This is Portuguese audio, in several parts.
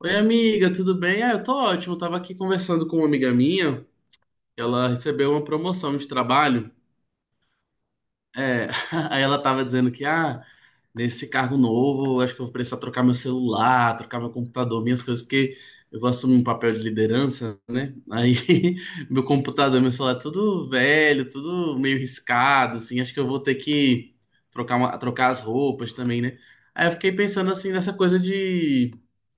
Oi, amiga, tudo bem? Ah, eu tô ótimo. Eu tava aqui conversando com uma amiga minha. Ela recebeu uma promoção de trabalho. É, aí ela tava dizendo que, nesse cargo novo, acho que eu vou precisar trocar meu celular, trocar meu computador, minhas coisas, porque eu vou assumir um papel de liderança, né? Aí meu computador, meu celular, é tudo velho, tudo meio riscado, assim. Acho que eu vou ter que trocar, trocar as roupas também, né? Aí eu fiquei pensando, assim, nessa coisa de.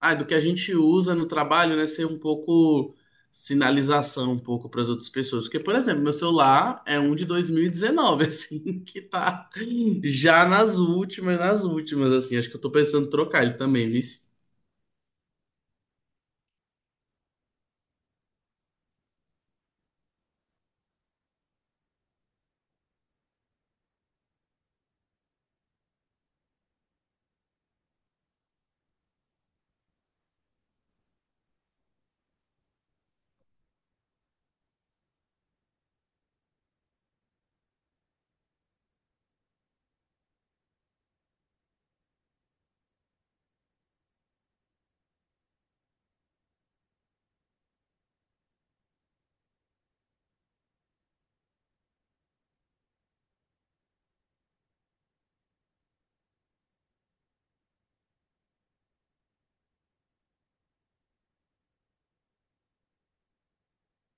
Ah, do que a gente usa no trabalho, né, ser um pouco sinalização um pouco para as outras pessoas. Porque, por exemplo, meu celular é um de 2019, assim, que tá já nas últimas, assim. Acho que eu tô pensando em trocar ele também, viu?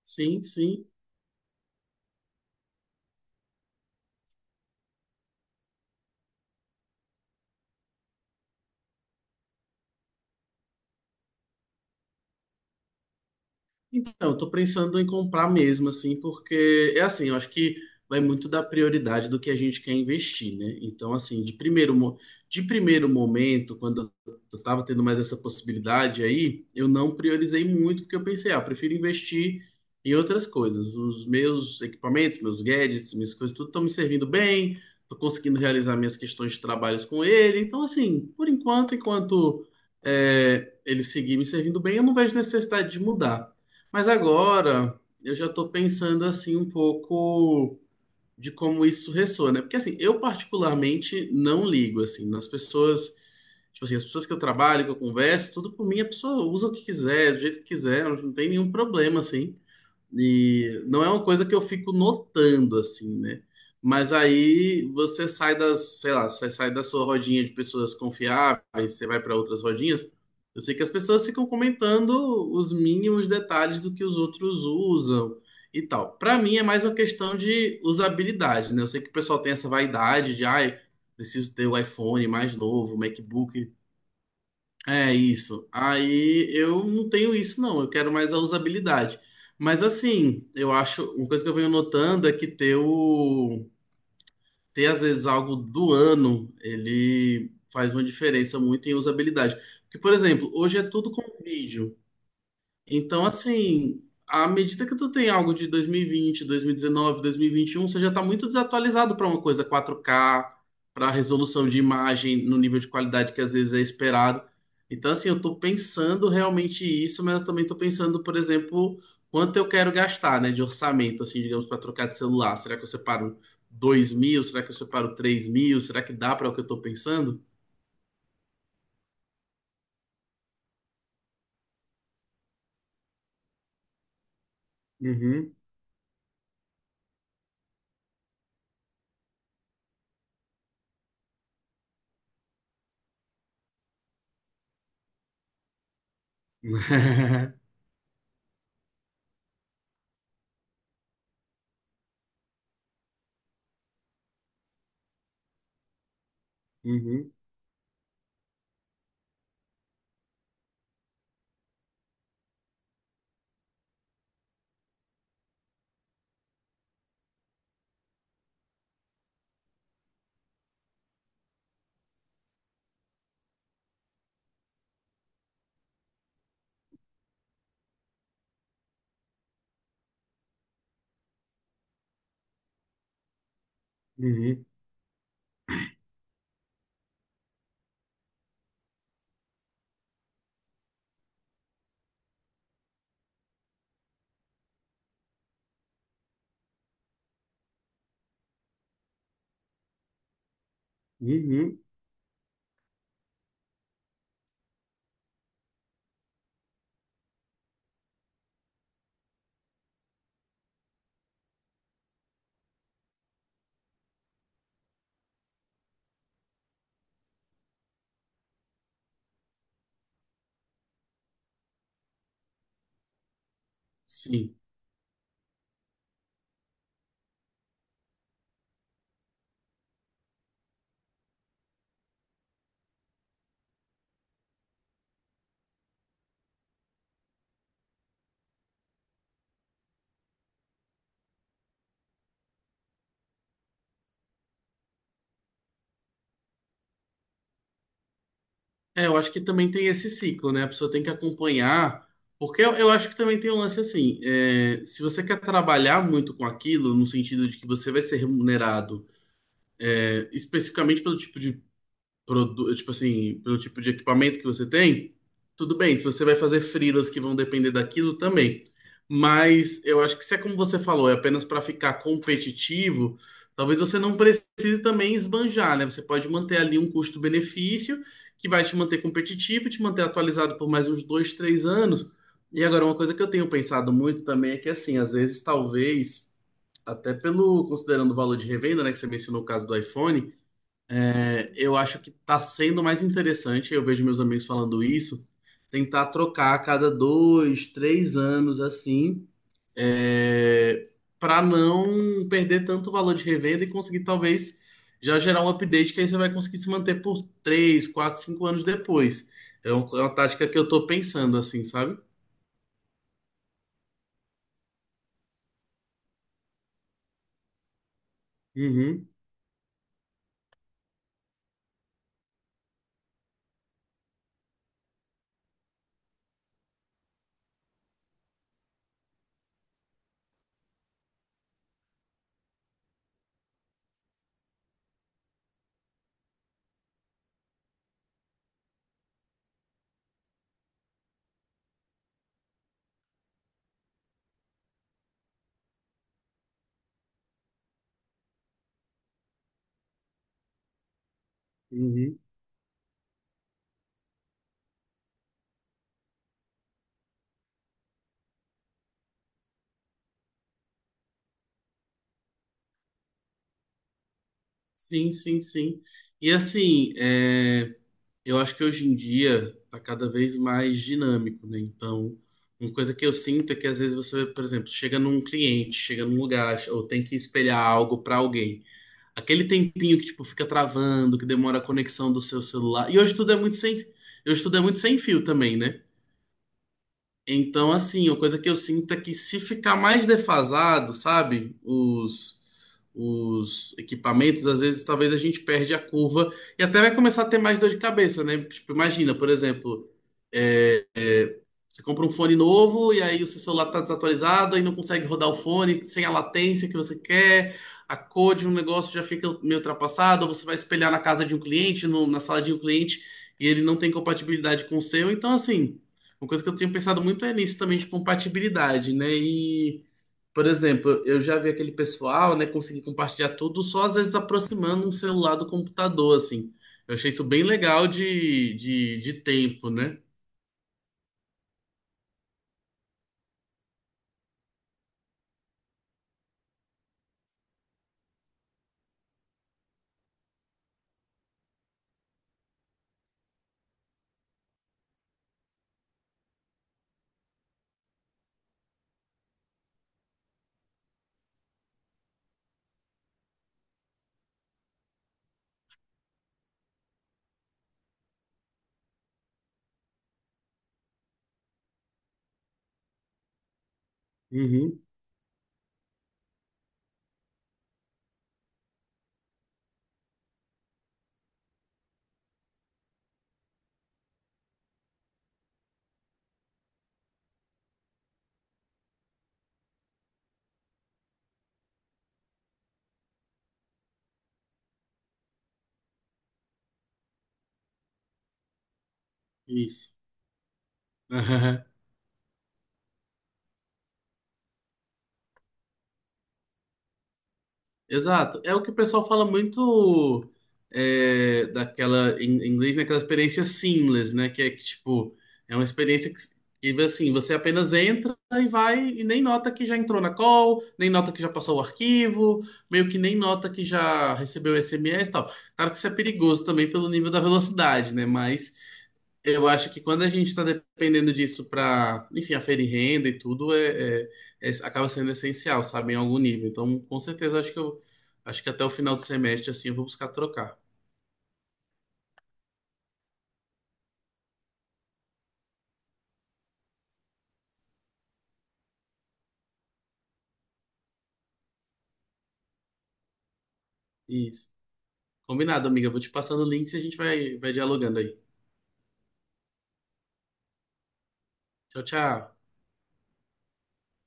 Sim, sim. Então, eu tô pensando em comprar mesmo, assim, porque é assim, eu acho que vai muito da prioridade do que a gente quer investir, né? Então, assim, de primeiro momento, quando eu tava tendo mais essa possibilidade aí, eu não priorizei muito, porque eu pensei, ah, eu prefiro investir em outras coisas. Os meus equipamentos, meus gadgets, minhas coisas, tudo estão me servindo bem, tô conseguindo realizar minhas questões de trabalhos com ele. Então, assim, por enquanto, enquanto ele seguir me servindo bem, eu não vejo necessidade de mudar. Mas agora eu já estou pensando assim um pouco de como isso ressoa, né? Porque assim, eu particularmente não ligo assim nas pessoas, tipo assim, as pessoas que eu trabalho, que eu converso, tudo por mim, a pessoa usa o que quiser, do jeito que quiser, não tem nenhum problema assim. E não é uma coisa que eu fico notando, assim, né? Mas aí você sai das, sei lá, você sai da sua rodinha de pessoas confiáveis, você vai para outras rodinhas. Eu sei que as pessoas ficam comentando os mínimos detalhes do que os outros usam e tal. Para mim é mais uma questão de usabilidade, né? Eu sei que o pessoal tem essa vaidade de, ai, preciso ter o iPhone mais novo, o MacBook é isso. Aí eu não tenho isso, não. Eu quero mais a usabilidade. Mas assim, eu acho, uma coisa que eu venho notando é que ter às vezes algo do ano, ele faz uma diferença muito em usabilidade. Porque, por exemplo, hoje é tudo com vídeo. Então, assim, à medida que tu tem algo de dois mil e vinte e um você já tá muito desatualizado para uma coisa 4K para resolução de imagem no nível de qualidade que às vezes é esperado. Então, assim, eu tô pensando realmente isso, mas eu também tô pensando, por exemplo, quanto eu quero gastar, né, de orçamento, assim, digamos, para trocar de celular. Será que eu separo 2.000? Será que eu separo 3.000? Será que dá para o que eu tô pensando? Uhum. Uhum. Uhum. Uhum. Sim. É, eu acho que também tem esse ciclo, né? A pessoa tem que acompanhar, porque eu acho que também tem um lance assim, é, se você quer trabalhar muito com aquilo, no sentido de que você vai ser remunerado, é, especificamente pelo tipo de produ- tipo assim, pelo tipo de equipamento que você tem, tudo bem. Se você vai fazer freelas que vão depender daquilo também. Mas eu acho que se é como você falou, é apenas para ficar competitivo, talvez você não precise também esbanjar, né? Você pode manter ali um custo-benefício que vai te manter competitivo, te manter atualizado por mais uns dois, três anos. E agora, uma coisa que eu tenho pensado muito também é que, assim, às vezes, talvez, até pelo, considerando o valor de revenda, né, que você mencionou o caso do iPhone. Eu acho que tá sendo mais interessante, eu vejo meus amigos falando isso, tentar trocar a cada dois, três anos assim, é, para não perder tanto valor de revenda e conseguir talvez já gerar um update que aí você vai conseguir se manter por três, quatro, cinco anos depois. É um- é uma tática que eu tô pensando assim, sabe? Uhum, uhum. Sim, sim, sim. E assim, Eu acho que hoje em dia tá cada vez mais dinâmico, né? Então, uma coisa que eu sinto é que às vezes você, por exemplo, chega num cliente, chega num lugar, ou tem que espelhar algo para alguém. Aquele tempinho que tipo fica travando, que demora a conexão do seu celular. E hoje tudo é muito sem, hoje tudo é muito sem fio também, né? Então, assim, a coisa que eu sinto é que se ficar mais defasado, sabe, os equipamentos, às vezes talvez a gente perde a curva e até vai começar a ter mais dor de cabeça, né? Tipo, imagina, por exemplo, é, é, você compra um fone novo e aí o seu celular tá desatualizado e não consegue rodar o fone sem a latência que você quer, a cor de um negócio já fica meio ultrapassada, ou você vai espelhar na casa de um cliente, na sala de um cliente e ele não tem compatibilidade com o seu, então assim. Uma coisa que eu tenho pensado muito é nisso também de compatibilidade, né? E, por exemplo, eu já vi aquele pessoal, né, conseguir compartilhar tudo só às vezes aproximando um celular do computador, assim. Eu achei isso bem legal de tempo, né? Uhum. Isso. Exato. É o que o pessoal fala muito é, daquela, em inglês, naquela experiência seamless, né? Que é que, tipo, é uma experiência que, assim, você apenas entra e vai e nem nota que já entrou na call, nem nota que já passou o arquivo, meio que nem nota que já recebeu SMS e tal. Claro que isso é perigoso também pelo nível da velocidade, né? Mas eu acho que quando a gente está dependendo disso para, enfim, aferir renda e tudo, acaba sendo essencial, sabe, em algum nível. Então, com certeza, acho que eu acho que até o final do semestre, assim, eu vou buscar trocar. Isso. Combinado, amiga. Eu vou te passando o link e a gente vai, vai dialogando aí. Tchau, tchau.